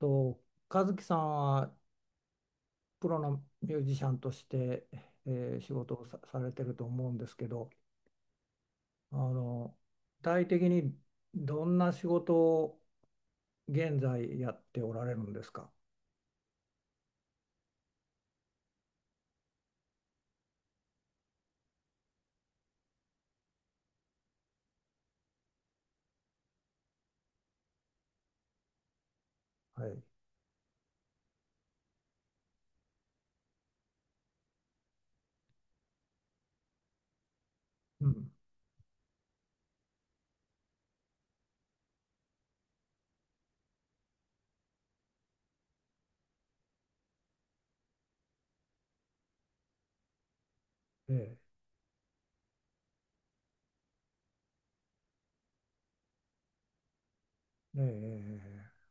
と、和樹さんはプロのミュージシャンとして、え仕事をさ、されてると思うんですけど、あの、具体的にどんな仕事を現在やっておられるんですか？はい。うん。ええ、ええ、ええ。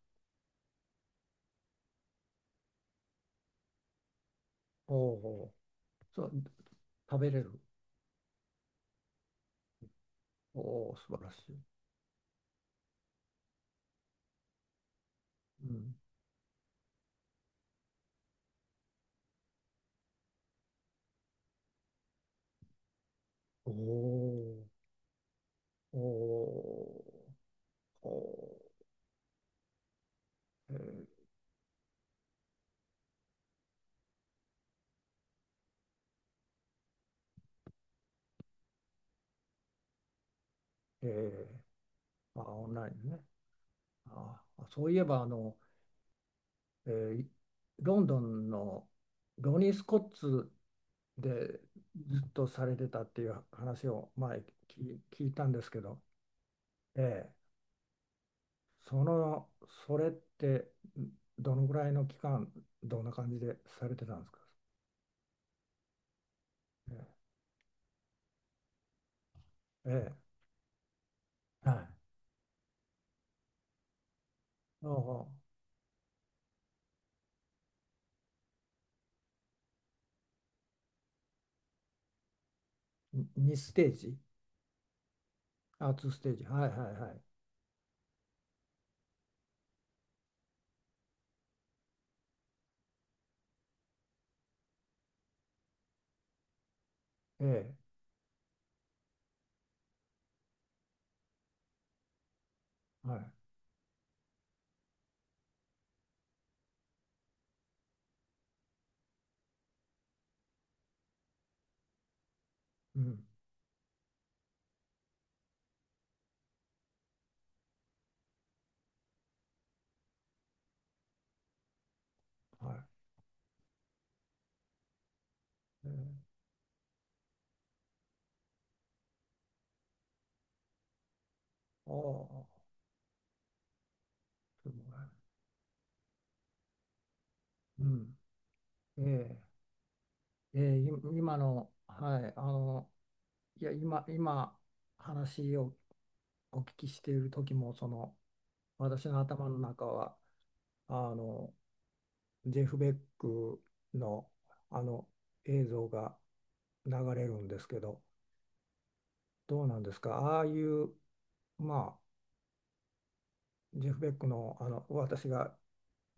おお。そう、食べれる。おお、素晴らしい。うん。おお、おお、おお、ええ、ええ、あ、オンラインね。あ、そういえば、えーロンドンのロニー・スコッツでずっとされてたっていう話を前聞いたんですけど、ええ、その、それってどのぐらいの期間、どんな感じでされてたんですか？ええ、ええ、はい。おお。う、2ステージ、あ、2ステージ、はいはいはい。ええ、はい。うん、はい。ええ、おお。う、すごい。うん。ええ、ええ、今の、はい、いや、今、話をお聞きしている時も、その、私の頭の中は、あの、ジェフ・ベックの、あの、映像が流れるんですけど、どうなんですか？ああいう、まあ、ジェフ・ベックの、私が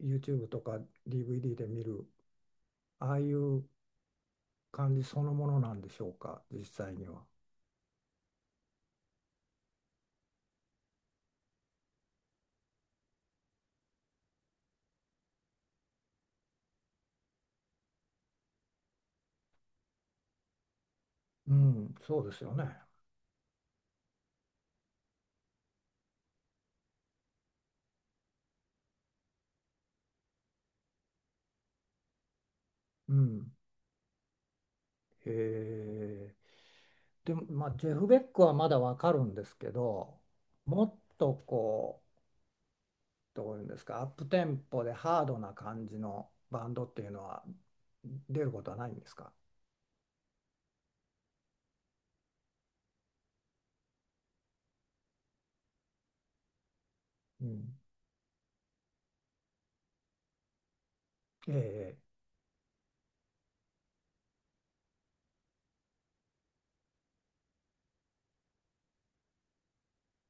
YouTube とか DVD で見る、ああいう感じそのものなんでしょうか、実際には。うん、そうですよね。うん。へえ。でも、まあ、ジェフ・ベックはまだわかるんですけど、もっとこう、どういうんですか、アップテンポでハードな感じのバンドっていうのは出ることはないんですか？うん。ええ、え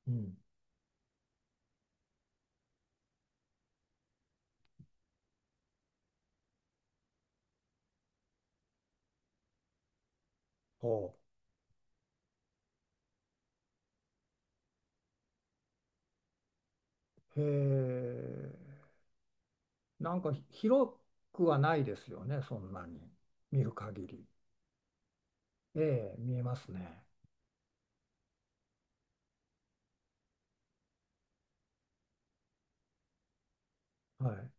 え、うん。ほう。へえ。なんか広くはないですよね、そんなに。見る限り。ええ、見えますね。はい。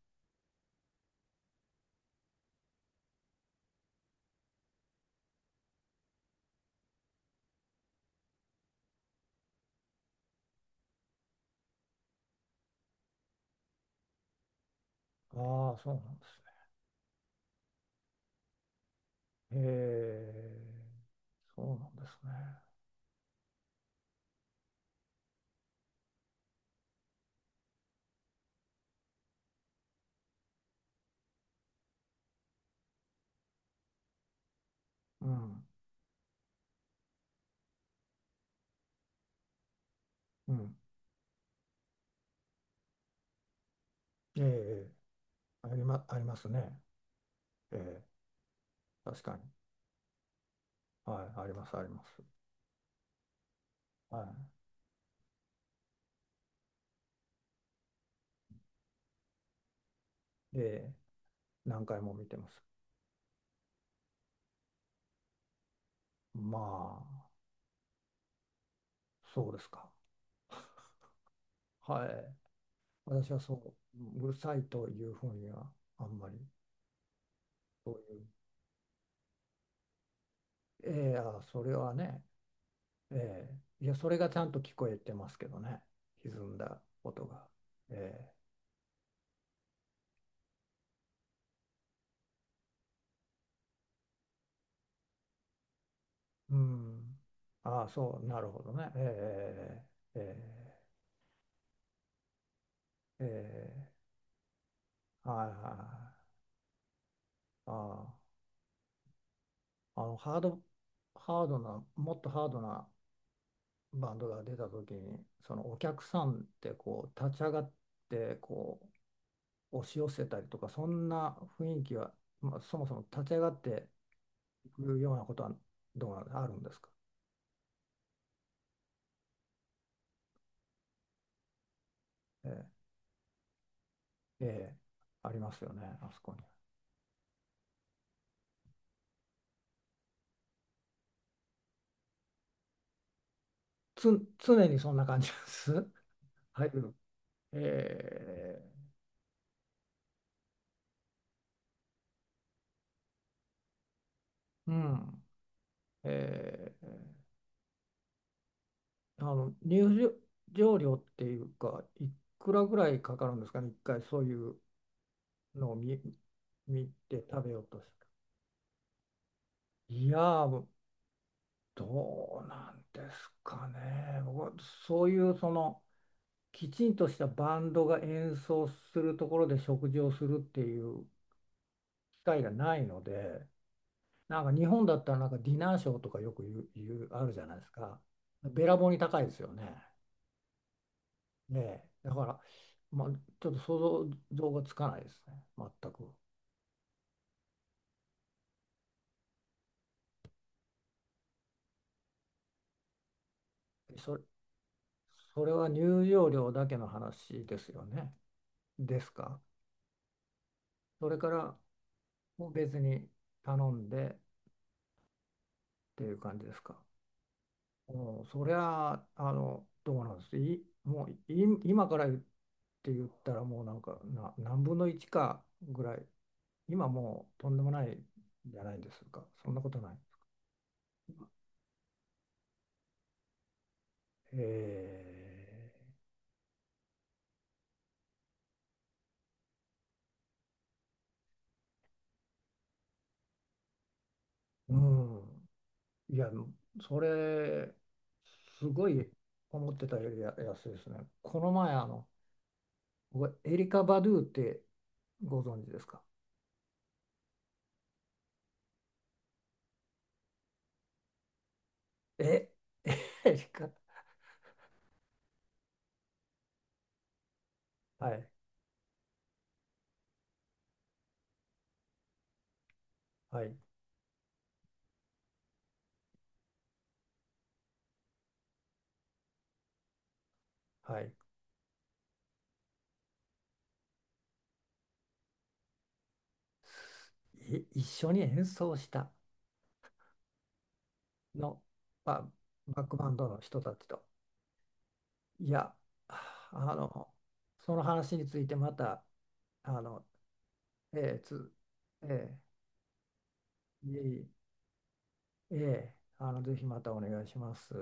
ああ、そうなんですね。へえ。そうなんですね。うん。うん。ええ、ええ、ありますね。ええ、確かに。はい、あります、あります。はい。で、何回も見てます。まあ、そうですか。はい。私はそう、うるさいというふうには、あんまり、そういう。ええ、あ、それはね、ええ、いや、それがちゃんと聞こえてますけどね。歪んだ音が。ええ、うん。ああ、そう、なるほどね。ええ、ええ、ええ、ええ、はいはいはい。ああ、あのハード、ハードな、もっとハードなバンドが出た時に、そのお客さんってこう立ち上がってこう押し寄せたりとか、そんな雰囲気は、まあ、そもそも立ち上がっていくようなことはどうなんあるんですか？ええ、ええ、ありますよね、あそこに。つ、常にそんな感じです。はい。ええ、うん。ええ、あの入場料っていうか、いくらぐらいかかるんですかね、一回そういうのを見て食べようとして。いやー、どうなんですかね。僕はそういうそのきちんとしたバンドが演奏するところで食事をするっていう機会がないので、なんか日本だったらなんかディナーショーとかよく言うあるじゃないですか。べらぼうに高いですよね。ねえ、だから、まあ、ちょっと想像がつかないですね、全く。それ、それは入場料だけの話ですよね。ですか。それからもう別に頼んでっていう感じですか。もうそりゃあ、どうなんです。い、もうい今から言ったらもうなんかな何分の1かぐらい、今もうとんでもないじゃないですか。そんなことない。えー、うん。いや、それ、すごい思ってたより安いですね。この前、あの、僕エリカ・バドゥってご存知ですか？え、エリカ、はい、はい、はい。一緒に演奏したの、ババックバンドの人たちと。いや、あの、その話についてまた、あの、えーつ、えいえいえ、ぜひまたお願いします。